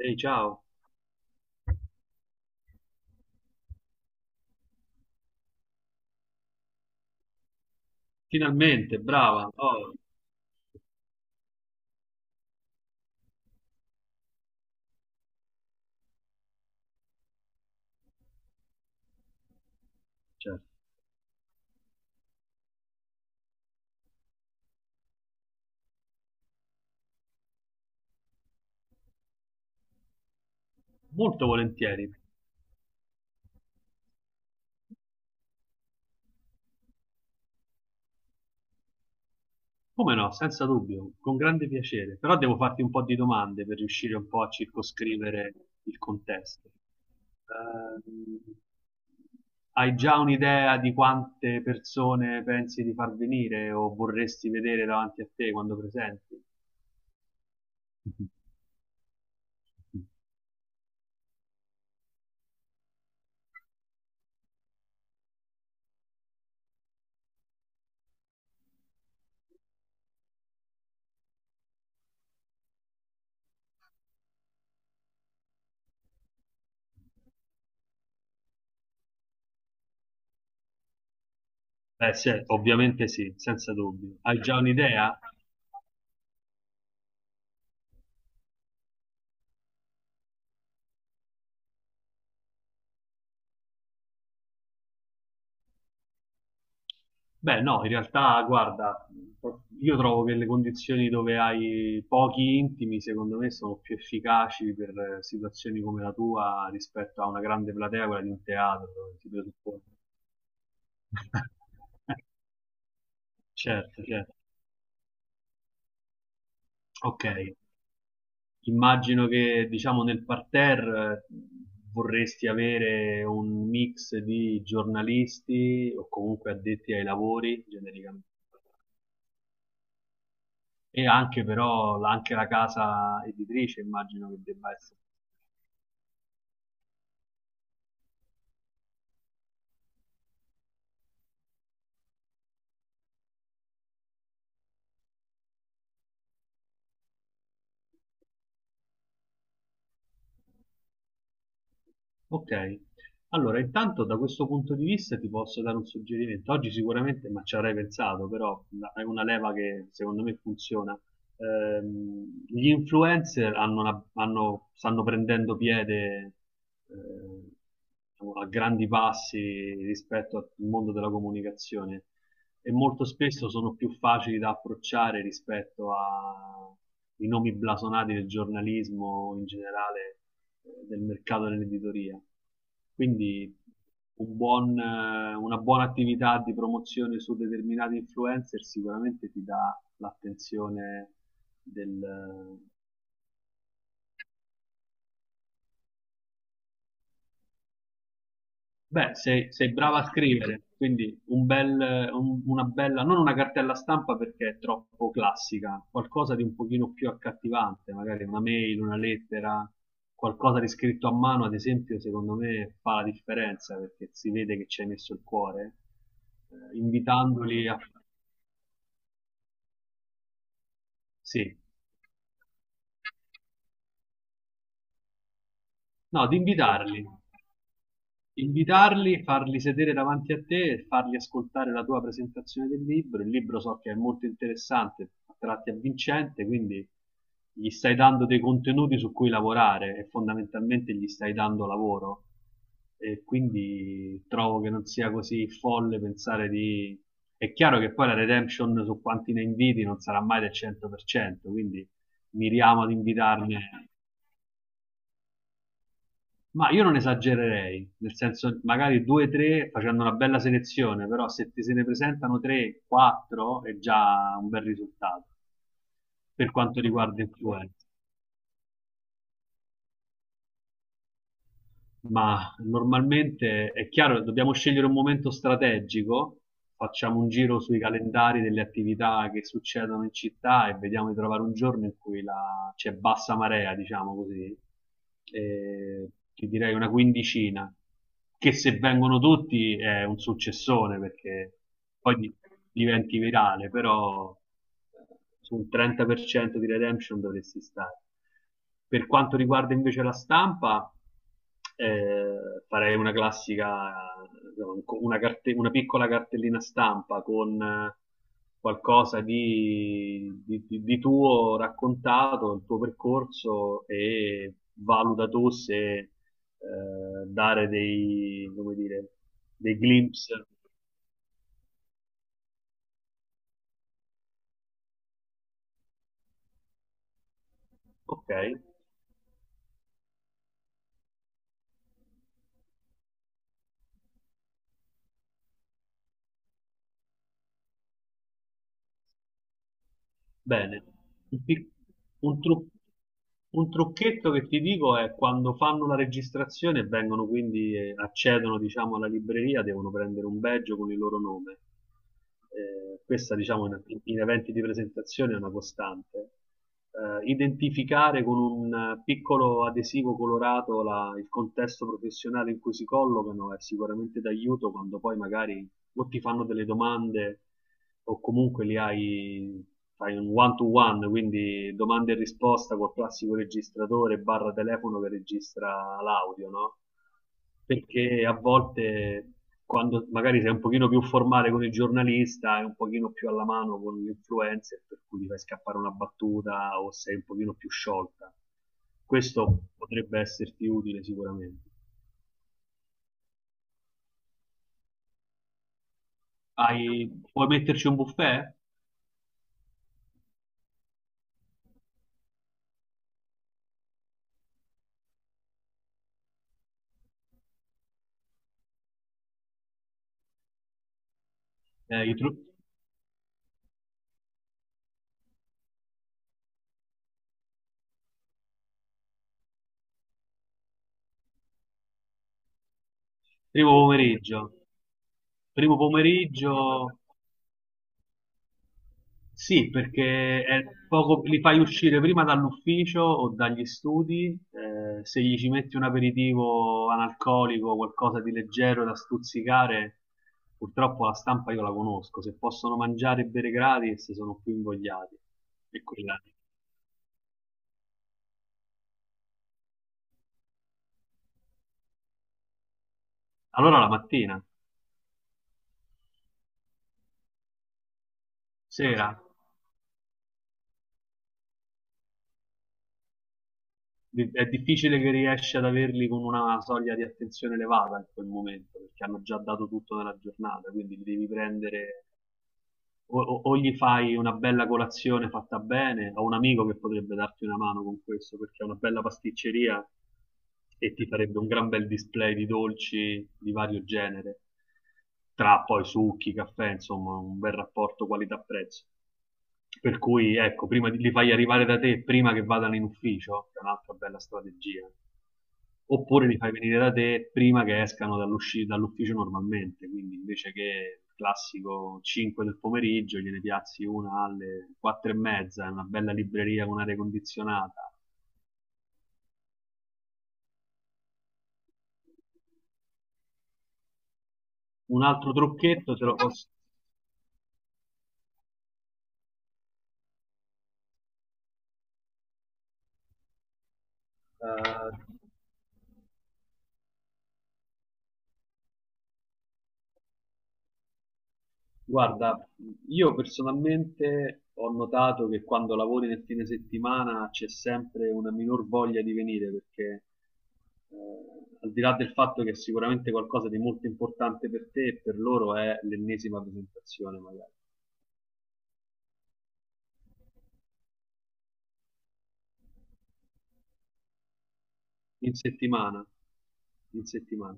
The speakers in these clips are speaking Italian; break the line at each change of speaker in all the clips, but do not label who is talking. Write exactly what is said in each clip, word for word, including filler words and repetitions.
Ehi, ciao. Finalmente, brava. Oh, certo. Molto volentieri. Come no, senza dubbio, con grande piacere. Però devo farti un po' di domande per riuscire un po' a circoscrivere il contesto. Ehm, Hai già un'idea di quante persone pensi di far venire o vorresti vedere davanti a te quando presenti? Beh, sì, ovviamente sì, senza dubbio. Hai già un'idea? Beh, no, in realtà, guarda, io trovo che le condizioni dove hai pochi intimi, secondo me, sono più efficaci per eh, situazioni come la tua rispetto a una grande platea, quella di un teatro, dove si presuppone. Certo, certo. Ok, immagino che, diciamo, nel parterre eh, vorresti avere un mix di giornalisti o comunque addetti ai lavori, genericamente. E anche però la- anche la casa editrice immagino che debba essere. Ok, allora intanto da questo punto di vista ti posso dare un suggerimento. Oggi sicuramente, ma ci avrei pensato, però la- è una leva che secondo me funziona. Ehm, gli influencer hanno una- hanno- stanno prendendo piede eh, diciamo, a grandi passi rispetto al mondo della comunicazione e molto spesso sono più facili da approcciare rispetto a i nomi blasonati del giornalismo in generale del mercato dell'editoria. Quindi un buon, eh, una buona attività di promozione su determinati influencer sicuramente ti dà l'attenzione del. Beh, sei, sei brava a scrivere, quindi un bel- un- una bella, non una cartella stampa perché è troppo classica, qualcosa di un pochino più accattivante, magari una mail, una lettera, qualcosa di scritto a mano, ad esempio, secondo me fa la differenza perché si vede che ci hai messo il cuore, eh, invitandoli a... Sì, no, di invitarli. Invitarli, farli sedere davanti a te e farli ascoltare la tua presentazione del libro. Il libro so che è molto interessante, a tratti avvincente, quindi gli stai dando dei contenuti su cui lavorare e fondamentalmente gli stai dando lavoro. E quindi trovo che non sia così folle pensare di... È chiaro che poi la redemption su quanti ne inviti non sarà mai del cento per cento, quindi miriamo ad invitarne. Ma io non esagererei, nel senso magari due o tre facendo una bella selezione, però se ti se ne presentano tre, quattro è già un bel risultato per quanto riguarda influencer. Ma normalmente è chiaro, dobbiamo scegliere un momento strategico, facciamo un giro sui calendari delle attività che succedono in città e vediamo di trovare un giorno in cui la- c'è bassa marea, diciamo così. E ti direi una quindicina, che se vengono tutti è un successone perché poi di- diventi virale, però sul trenta per cento di redemption dovresti stare. Per quanto riguarda invece la stampa, eh, farei una classica, una, carte- una, piccola cartellina stampa con eh, qualcosa di, di, di tuo raccontato, il tuo percorso e valuta tu se eh, dare dei, come dire, dei glimpse, ok, bene, un, pic- un tru- un trucchetto che ti dico è quando fanno la registrazione e vengono quindi, eh, accedono diciamo alla libreria, devono prendere un badge con il loro nome. Eh, questa diciamo in, in eventi di presentazione è una costante. Eh, identificare con un eh, piccolo adesivo colorato la- il contesto professionale in cui si collocano è sicuramente d'aiuto quando poi magari o ti fanno delle domande o comunque li hai, fai un one to one, quindi domande e risposta col classico registratore barra telefono che registra l'audio, no? Perché a volte quando magari sei un pochino più formale con il giornalista e un pochino più alla mano con l'influencer, per cui ti fai scappare una battuta o sei un pochino più sciolta. Questo potrebbe esserti utile sicuramente. Hai, puoi metterci un buffet? Eh, i, tru- Primo pomeriggio. Primo pomeriggio, sì, perché è poco, li fai uscire prima dall'ufficio o dagli studi, eh, se gli ci metti un aperitivo analcolico, qualcosa di leggero da stuzzicare, purtroppo la stampa io la conosco, se possono mangiare e bere gratis sono più invogliati. E quella- Allora la mattina, sera. Di- è difficile che riesci ad averli con una soglia di attenzione elevata in quel momento, perché hanno già dato tutto nella giornata, quindi li devi prendere o, o- o gli fai una bella colazione fatta bene, ho un amico che potrebbe darti una mano con questo, perché ha una bella pasticceria e ti farebbe un gran bel display di dolci di vario genere, tra poi succhi, caffè, insomma, un bel rapporto qualità-prezzo. Per cui, ecco, prima di- li fai arrivare da te prima che vadano in ufficio, che è un'altra bella strategia, oppure li fai venire da te prima che escano dall'usci- dall'ufficio normalmente, quindi invece che il classico cinque del pomeriggio, gliene piazzi una alle quattro e mezza, in una bella libreria con aria condizionata. Un altro trucchetto te lo posso... eh, Guarda, io personalmente ho notato che quando lavori nel fine settimana c'è sempre una minor voglia di venire perché eh, al di là del fatto che è sicuramente qualcosa di molto importante per te e per loro è l'ennesima presentazione magari. In settimana, in settimana,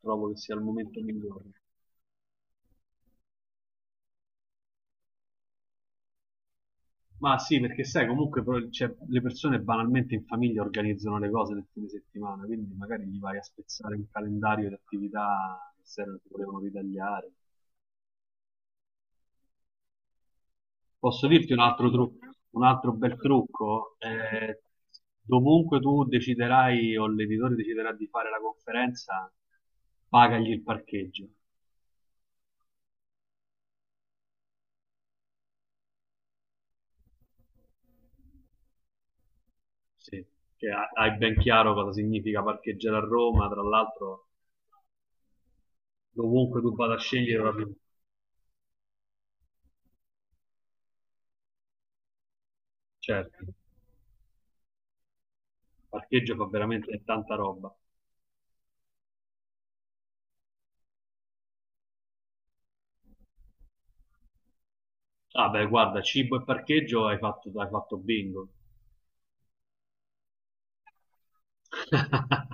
trovo che sia il momento migliore. Ma sì, perché sai, comunque però, cioè, le persone banalmente in famiglia organizzano le cose nel fine settimana, quindi magari gli vai a spezzare un calendario di attività che se non ti volevano ritagliare. Posso dirti un altro trucco, un altro bel trucco? Eh, dovunque tu deciderai o l'editore deciderà di fare la conferenza, pagagli il parcheggio. Sì, che ha- hai ben chiaro cosa significa parcheggiare a Roma, tra l'altro dovunque tu vada a scegliere, proprio- certo. Parcheggio fa veramente tanta roba. Ah beh, guarda, cibo e parcheggio hai fatto, hai fatto bingo.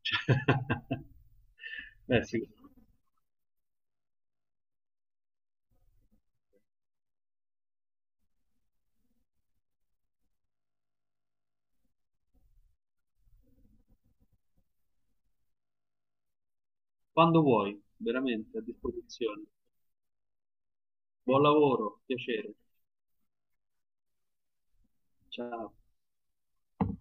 Cioè, beh, sì. Quando vuoi, veramente a disposizione. Buon lavoro, piacere. Ciao.